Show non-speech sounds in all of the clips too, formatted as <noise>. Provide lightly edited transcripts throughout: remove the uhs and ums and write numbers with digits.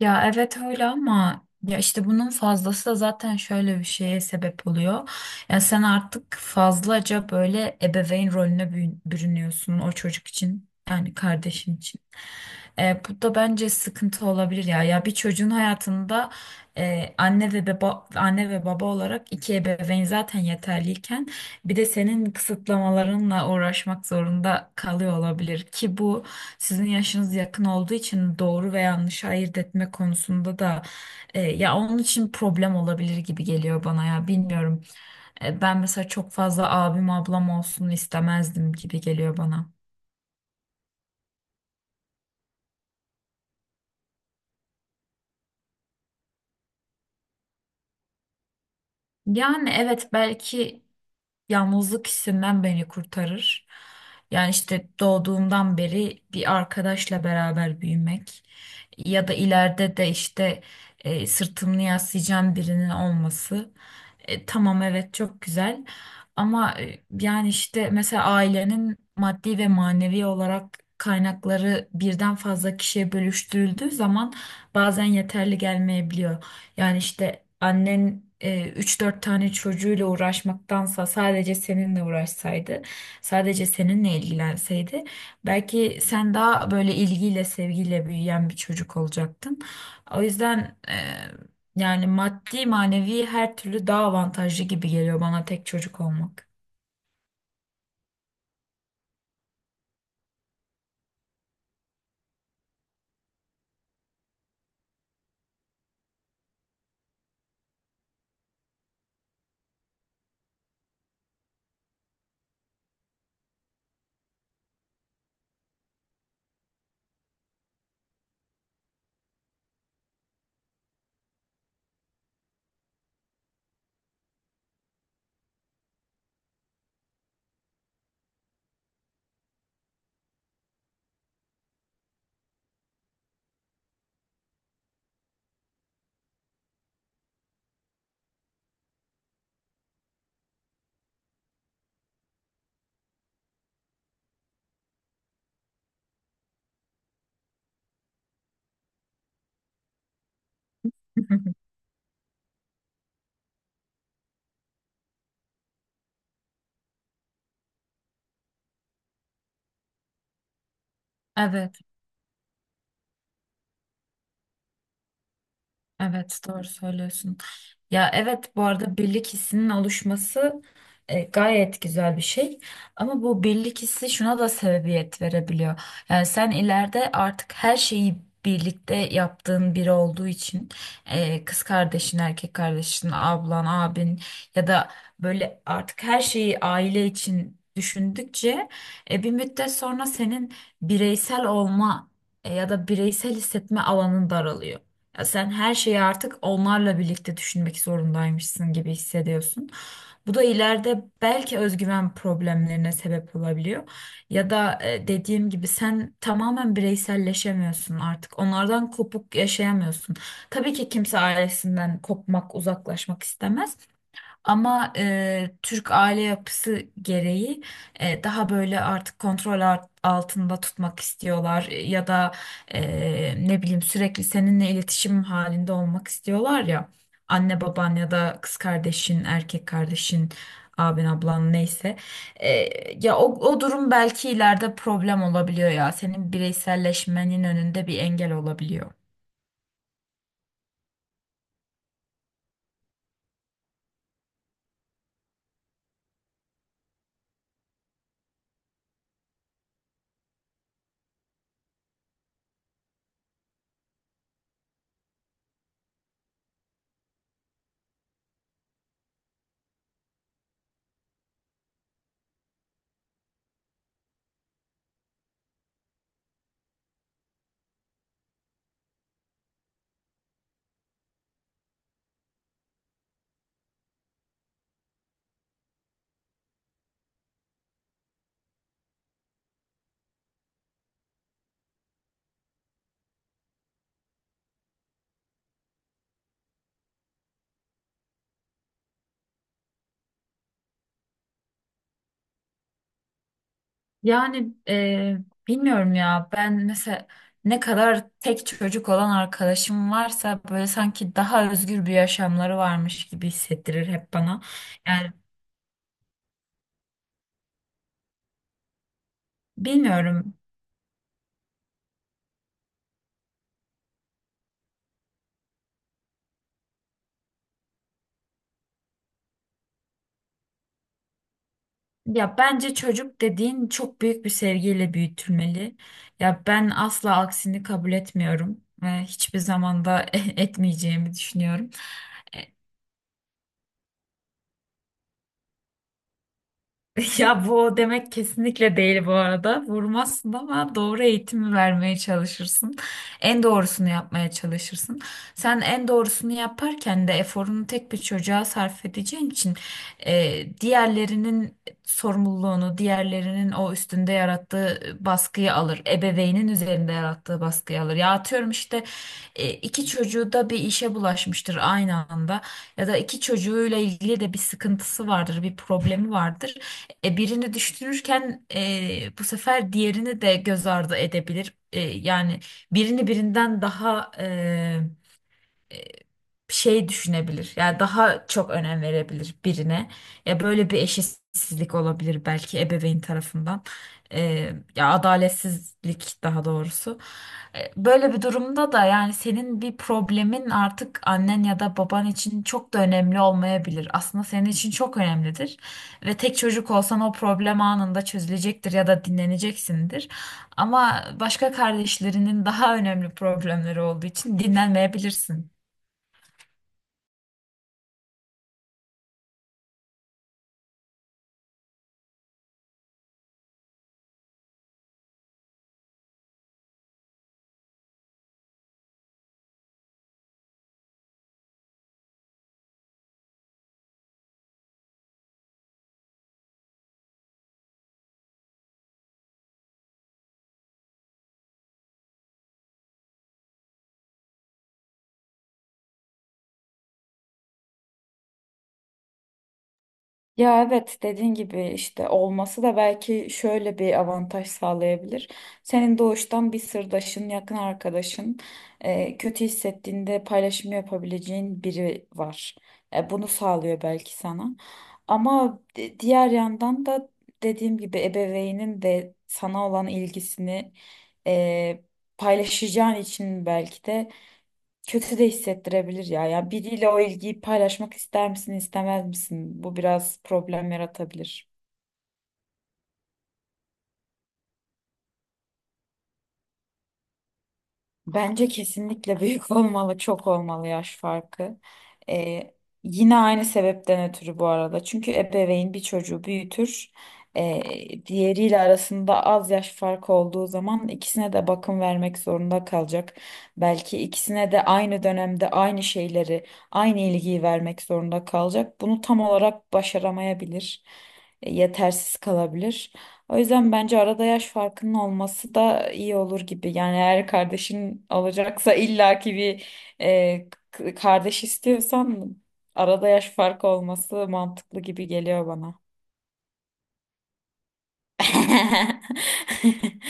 Ya evet öyle ama ya işte bunun fazlası da zaten şöyle bir şeye sebep oluyor. Ya sen artık fazlaca böyle ebeveyn rolüne bürünüyorsun o çocuk için, yani kardeşin için. Bu da bence sıkıntı olabilir ya. Ya bir çocuğun hayatında anne ve baba, anne ve baba olarak iki ebeveyn zaten yeterliyken bir de senin kısıtlamalarınla uğraşmak zorunda kalıyor olabilir ki bu, sizin yaşınız yakın olduğu için doğru ve yanlış ayırt etme konusunda da ya onun için problem olabilir gibi geliyor bana, ya bilmiyorum. Ben mesela çok fazla abim ablam olsun istemezdim gibi geliyor bana. Yani evet, belki yalnızlık hissinden beni kurtarır. Yani işte doğduğumdan beri bir arkadaşla beraber büyümek ya da ileride de sırtımı yaslayacağım birinin olması. Tamam, evet, çok güzel ama yani işte mesela ailenin maddi ve manevi olarak kaynakları birden fazla kişiye bölüştürüldüğü zaman bazen yeterli gelmeyebiliyor. Yani işte annen üç dört tane çocuğuyla uğraşmaktansa sadece seninle uğraşsaydı, sadece seninle ilgilenseydi, belki sen daha böyle ilgiyle, sevgiyle büyüyen bir çocuk olacaktın. O yüzden yani maddi, manevi her türlü daha avantajlı gibi geliyor bana tek çocuk olmak. <laughs> Evet. Evet, doğru söylüyorsun. Ya evet, bu arada birlik hissinin oluşması gayet güzel bir şey. Ama bu birlik hissi şuna da sebebiyet verebiliyor. Yani sen ileride artık her şeyi birlikte yaptığın biri olduğu için, kız kardeşin, erkek kardeşin, ablan, abin ya da böyle, artık her şeyi aile için düşündükçe bir müddet sonra senin bireysel olma, ya da bireysel hissetme alanın daralıyor. Ya sen her şeyi artık onlarla birlikte düşünmek zorundaymışsın gibi hissediyorsun. Bu da ileride belki özgüven problemlerine sebep olabiliyor. Ya da dediğim gibi, sen tamamen bireyselleşemiyorsun artık. Onlardan kopuk yaşayamıyorsun. Tabii ki kimse ailesinden kopmak, uzaklaşmak istemez. Ama Türk aile yapısı gereği daha böyle artık kontrol altında tutmak istiyorlar. Ya da ne bileyim, sürekli seninle iletişim halinde olmak istiyorlar ya. Anne baban ya da kız kardeşin, erkek kardeşin, abin ablan, neyse. E, Ya o durum belki ileride problem olabiliyor ya. Senin bireyselleşmenin önünde bir engel olabiliyor. Yani bilmiyorum ya, ben mesela ne kadar tek çocuk olan arkadaşım varsa böyle sanki daha özgür bir yaşamları varmış gibi hissettirir hep bana. Yani bilmiyorum, ya bence çocuk dediğin çok büyük bir sevgiyle büyütülmeli. Ya ben asla aksini kabul etmiyorum. Hiçbir zamanda <laughs> etmeyeceğimi düşünüyorum. <laughs> Ya bu demek kesinlikle değil bu arada. Vurmazsın ama doğru eğitimi vermeye çalışırsın. En doğrusunu yapmaya çalışırsın. Sen en doğrusunu yaparken de eforunu tek bir çocuğa sarf edeceğin için diğerlerinin sorumluluğunu, diğerlerinin o üstünde yarattığı baskıyı alır. Ebeveynin üzerinde yarattığı baskıyı alır. Ya atıyorum işte, iki çocuğu da bir işe bulaşmıştır aynı anda, ya da iki çocuğuyla ilgili de bir sıkıntısı vardır, bir problemi vardır. Birini düşünürken bu sefer diğerini de göz ardı edebilir. Yani birini birinden daha şey düşünebilir. Yani daha çok önem verebilir birine. Ya böyle bir eşitsizlik olabilir belki ebeveyn tarafından. Ya adaletsizlik daha doğrusu. Böyle bir durumda da yani senin bir problemin artık annen ya da baban için çok da önemli olmayabilir. Aslında senin için çok önemlidir. Ve tek çocuk olsan o problem anında çözülecektir ya da dinleneceksindir. Ama başka kardeşlerinin daha önemli problemleri olduğu için dinlenmeyebilirsin. Ya evet, dediğin gibi işte olması da belki şöyle bir avantaj sağlayabilir. Senin doğuştan bir sırdaşın, yakın arkadaşın, kötü hissettiğinde paylaşım yapabileceğin biri var. Bunu sağlıyor belki sana. Ama diğer yandan da dediğim gibi, ebeveynin de sana olan ilgisini e, paylaşacağın için belki de kötü de hissettirebilir ya. Ya biriyle o ilgiyi paylaşmak ister misin, istemez misin? Bu biraz problem yaratabilir. Bence kesinlikle büyük <laughs> olmalı, çok olmalı yaş farkı. Ee, Yine aynı sebepten ötürü bu arada. Çünkü ebeveyn bir çocuğu büyütür. Diğeriyle arasında az yaş farkı olduğu zaman ikisine de bakım vermek zorunda kalacak. Belki ikisine de aynı dönemde aynı şeyleri, aynı ilgiyi vermek zorunda kalacak. Bunu tam olarak başaramayabilir, yetersiz kalabilir. O yüzden bence arada yaş farkının olması da iyi olur gibi. Yani eğer kardeşin alacaksa, illaki bir kardeş istiyorsan, arada yaş farkı olması mantıklı gibi geliyor bana. <laughs>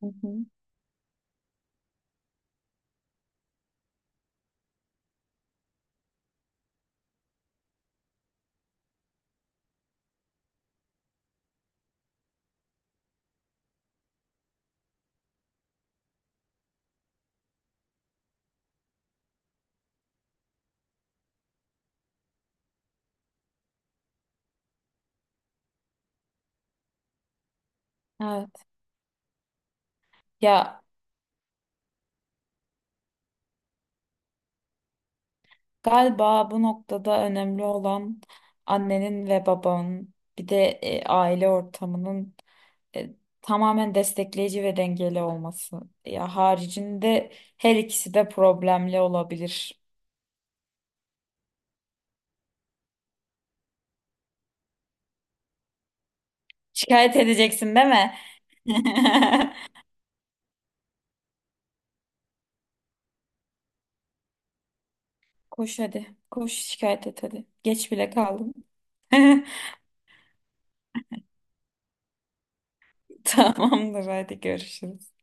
Hı hı. Evet. Ya galiba bu noktada önemli olan annenin ve babanın, bir de aile ortamının e, tamamen destekleyici ve dengeli olması. Ya haricinde her ikisi de problemli olabilir. Şikayet edeceksin değil mi? <laughs> Koş hadi. Koş şikayet et hadi. Geç bile kaldım. <laughs> Tamamdır, hadi görüşürüz.